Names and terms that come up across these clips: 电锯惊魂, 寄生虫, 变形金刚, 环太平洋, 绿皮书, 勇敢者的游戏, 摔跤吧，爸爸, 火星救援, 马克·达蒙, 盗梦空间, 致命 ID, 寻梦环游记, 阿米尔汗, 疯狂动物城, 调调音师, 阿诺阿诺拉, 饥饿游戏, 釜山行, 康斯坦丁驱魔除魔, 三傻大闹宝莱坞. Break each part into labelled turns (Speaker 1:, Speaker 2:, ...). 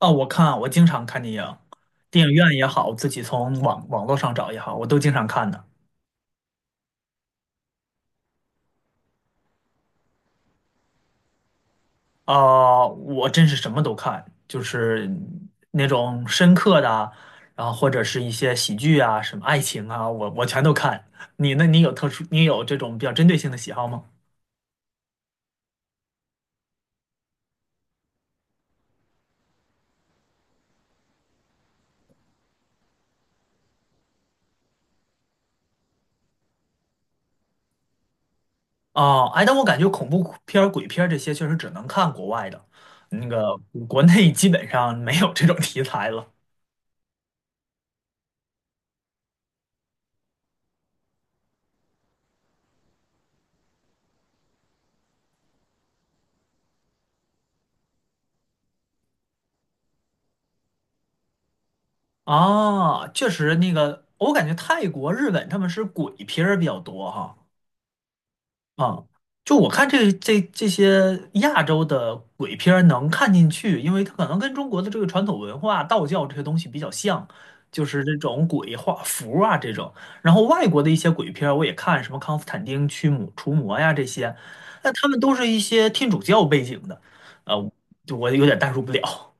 Speaker 1: 哦，我经常看电影，电影院也好，自己从网络上找也好，我都经常看的。啊，我真是什么都看，就是那种深刻的啊，然后或者是一些喜剧啊，什么爱情啊，我全都看。你呢？你有这种比较针对性的喜好吗？哦，哎，但我感觉恐怖片儿、鬼片儿这些确实只能看国外的，那个国内基本上没有这种题材了。啊，确实，那个我感觉泰国、日本他们是鬼片儿比较多哈。啊，就我看这些亚洲的鬼片儿能看进去，因为它可能跟中国的这个传统文化、道教这些东西比较像，就是这种鬼画符啊这种。然后外国的一些鬼片儿我也看，什么《康斯坦丁驱魔除魔》呀这些，那他们都是一些天主教背景的，呃，就我有点代入不了。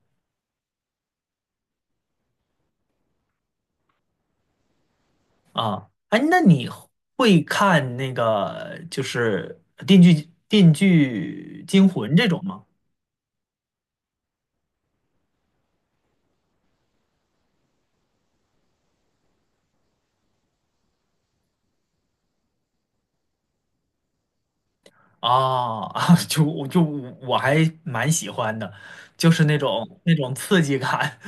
Speaker 1: 啊，哎，那你会看那个就是《电锯惊魂》这种吗？啊啊，就我还蛮喜欢的，就是那种刺激感，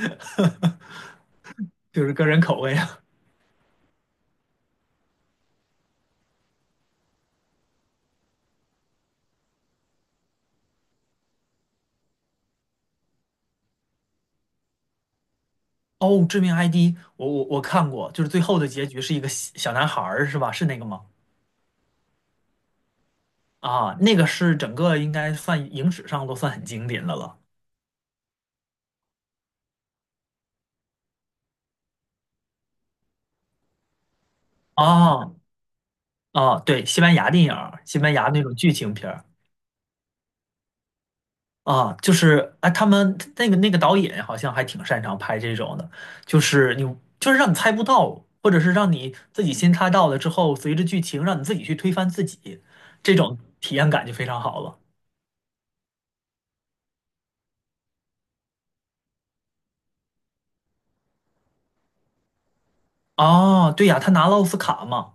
Speaker 1: 就是个人口味啊。哦，《致命 ID》我看过，就是最后的结局是一个小小男孩儿是吧？是那个吗？啊，那个是整个应该算影史上都算很经典的了。啊啊，对，西班牙电影儿，西班牙那种剧情片儿。啊，就是哎，他们那个导演好像还挺擅长拍这种的，就是你就是让你猜不到，或者是让你自己先猜到了之后，随着剧情让你自己去推翻自己，这种体验感就非常好了。哦，对呀，他拿了奥斯卡嘛，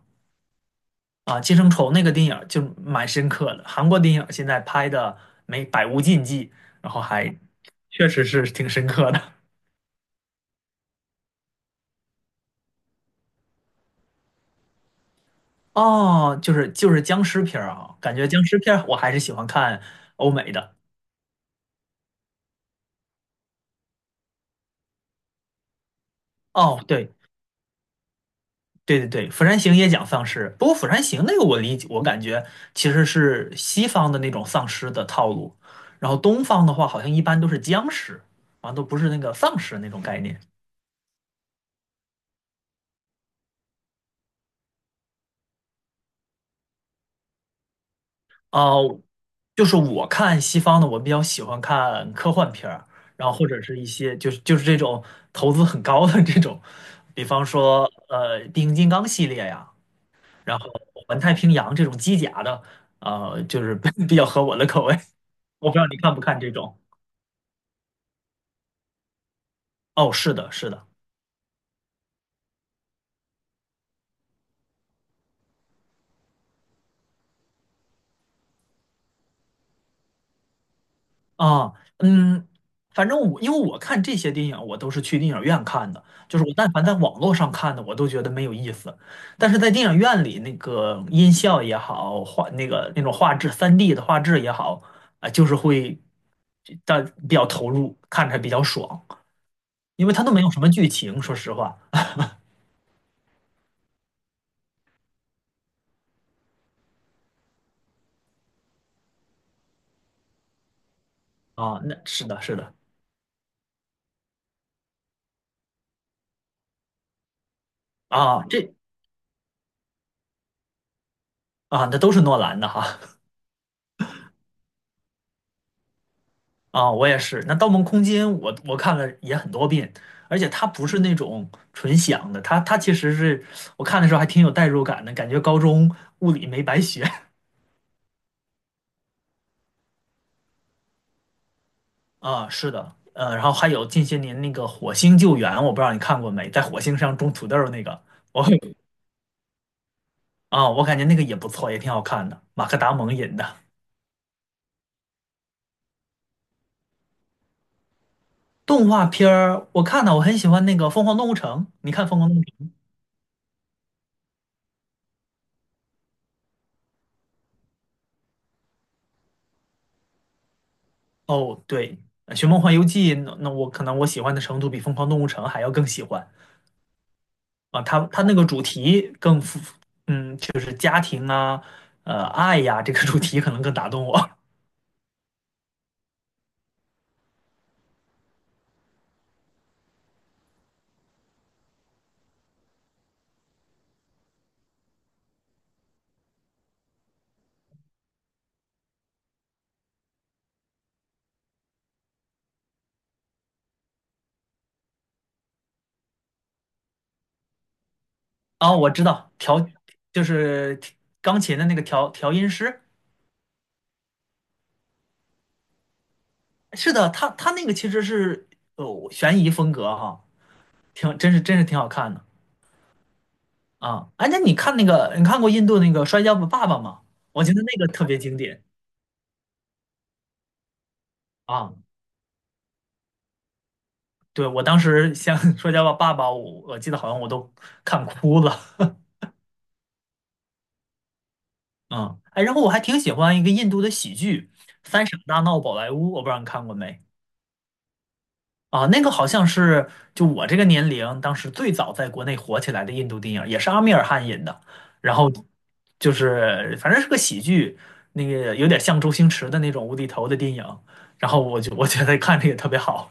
Speaker 1: 啊，《寄生虫》那个电影儿就蛮深刻的，韩国电影儿现在拍的没百无禁忌，然后还确实是挺深刻的。哦，就是僵尸片儿啊，感觉僵尸片儿我还是喜欢看欧美的。哦，对。对对对，《釜山行》也讲丧尸，不过《釜山行》那个我理解，我感觉其实是西方的那种丧尸的套路，然后东方的话好像一般都是僵尸，好都不是那个丧尸那种概念。哦，就是我看西方的，我比较喜欢看科幻片儿，然后或者是一些就是这种投资很高的这种，比方说《变形金刚》系列呀，然后《环太平洋》这种机甲的，就是 比较合我的口味。我不知道你看不看这种。哦，是的，是的，啊，嗯，反正我因为我看这些电影，我都是去电影院看的，就是我但凡在网络上看的，我都觉得没有意思。但是在电影院里，那个音效也好，那种画质3D 的画质也好，啊，就是会但比较投入，看着比较爽，因为它都没有什么剧情，说实话。啊，那是的，是的，啊，那都是诺兰的哈。啊，我也是。那《盗梦空间》我看了也很多遍，而且它不是那种纯想的，它其实是我看的时候还挺有代入感的，感觉高中物理没白学 啊。是的，然后还有近些年那个《火星救援》，我不知道你看过没，在火星上种土豆儿那个，我我感觉那个也不错，也挺好看的，马克·达蒙演的。动画片儿我看了，我很喜欢那个《疯狂动物城》，你看《疯狂动物城》？哦，对，《寻梦环游记》那我可能我喜欢的程度比《疯狂动物城》还要更喜欢。啊，他那个主题更符，嗯，就是家庭啊，爱呀，这个主题可能更打动我。哦，我知道就是钢琴的那个调音师，是的，他那个其实是悬疑风格哈，挺真是挺好看的啊。哎，那你看那个你看过印度那个《摔跤吧，爸爸》吗？我觉得那个特别经典啊。对，我当时像《<laughs> 摔跤吧，爸爸》，我记得好像我都看哭了。嗯，哎，然后我还挺喜欢一个印度的喜剧《三傻大闹宝莱坞》，我不知道你看过没啊？那个好像是就我这个年龄，当时最早在国内火起来的印度电影，也是阿米尔汗演的。然后就是反正是个喜剧，那个有点像周星驰的那种无厘头的电影。然后我觉得看着也特别好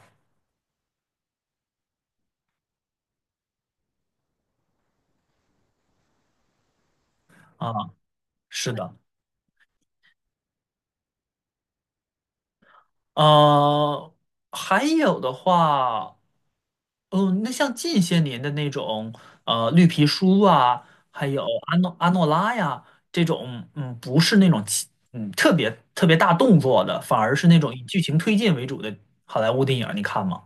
Speaker 1: 啊。是的，呃，还有的话。哦，那像近些年的那种，绿皮书啊，还有阿诺拉呀，这种，不是那种特别特别大动作的，反而是那种以剧情推进为主的好莱坞电影，你看吗？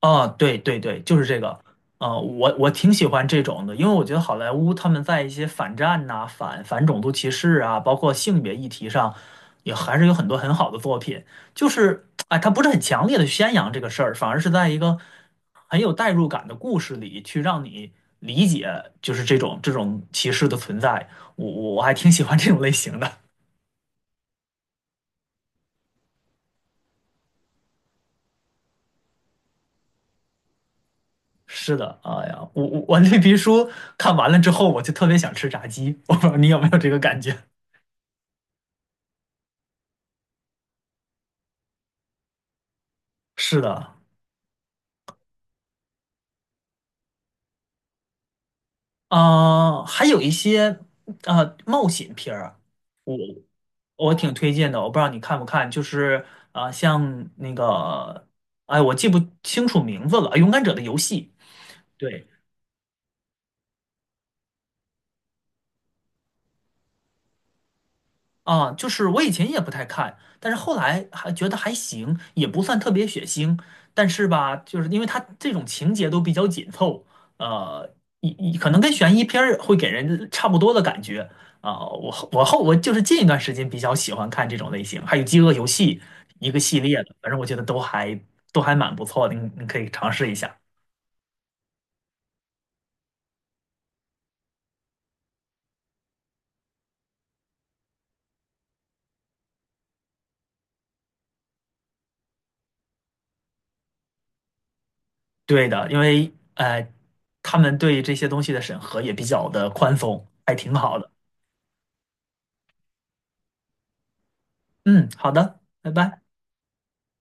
Speaker 1: 啊，对对对，就是这个。啊，我挺喜欢这种的，因为我觉得好莱坞他们在一些反战呐、反种族歧视啊，包括性别议题上，也还是有很多很好的作品。就是哎，他不是很强烈的宣扬这个事儿，反而是在一个很有代入感的故事里去让你理解，就是这种歧视的存在。我还挺喜欢这种类型的。是的，哎呀，我那皮书看完了之后，我就特别想吃炸鸡，我不知道你有没有这个感觉。是的，啊，还有一些冒险片儿，我挺推荐的。我不知道你看不看，就是啊，像那个，哎，我记不清楚名字了，《勇敢者的游戏》。对，啊，就是我以前也不太看，但是后来还觉得还行，也不算特别血腥，但是吧，就是因为它这种情节都比较紧凑，呃，可能跟悬疑片儿会给人差不多的感觉啊。我就是近一段时间比较喜欢看这种类型，还有《饥饿游戏》一个系列的，反正我觉得都还蛮不错的，你可以尝试一下。对的，因为他们对这些东西的审核也比较的宽松，还挺好的。嗯，好的，拜拜。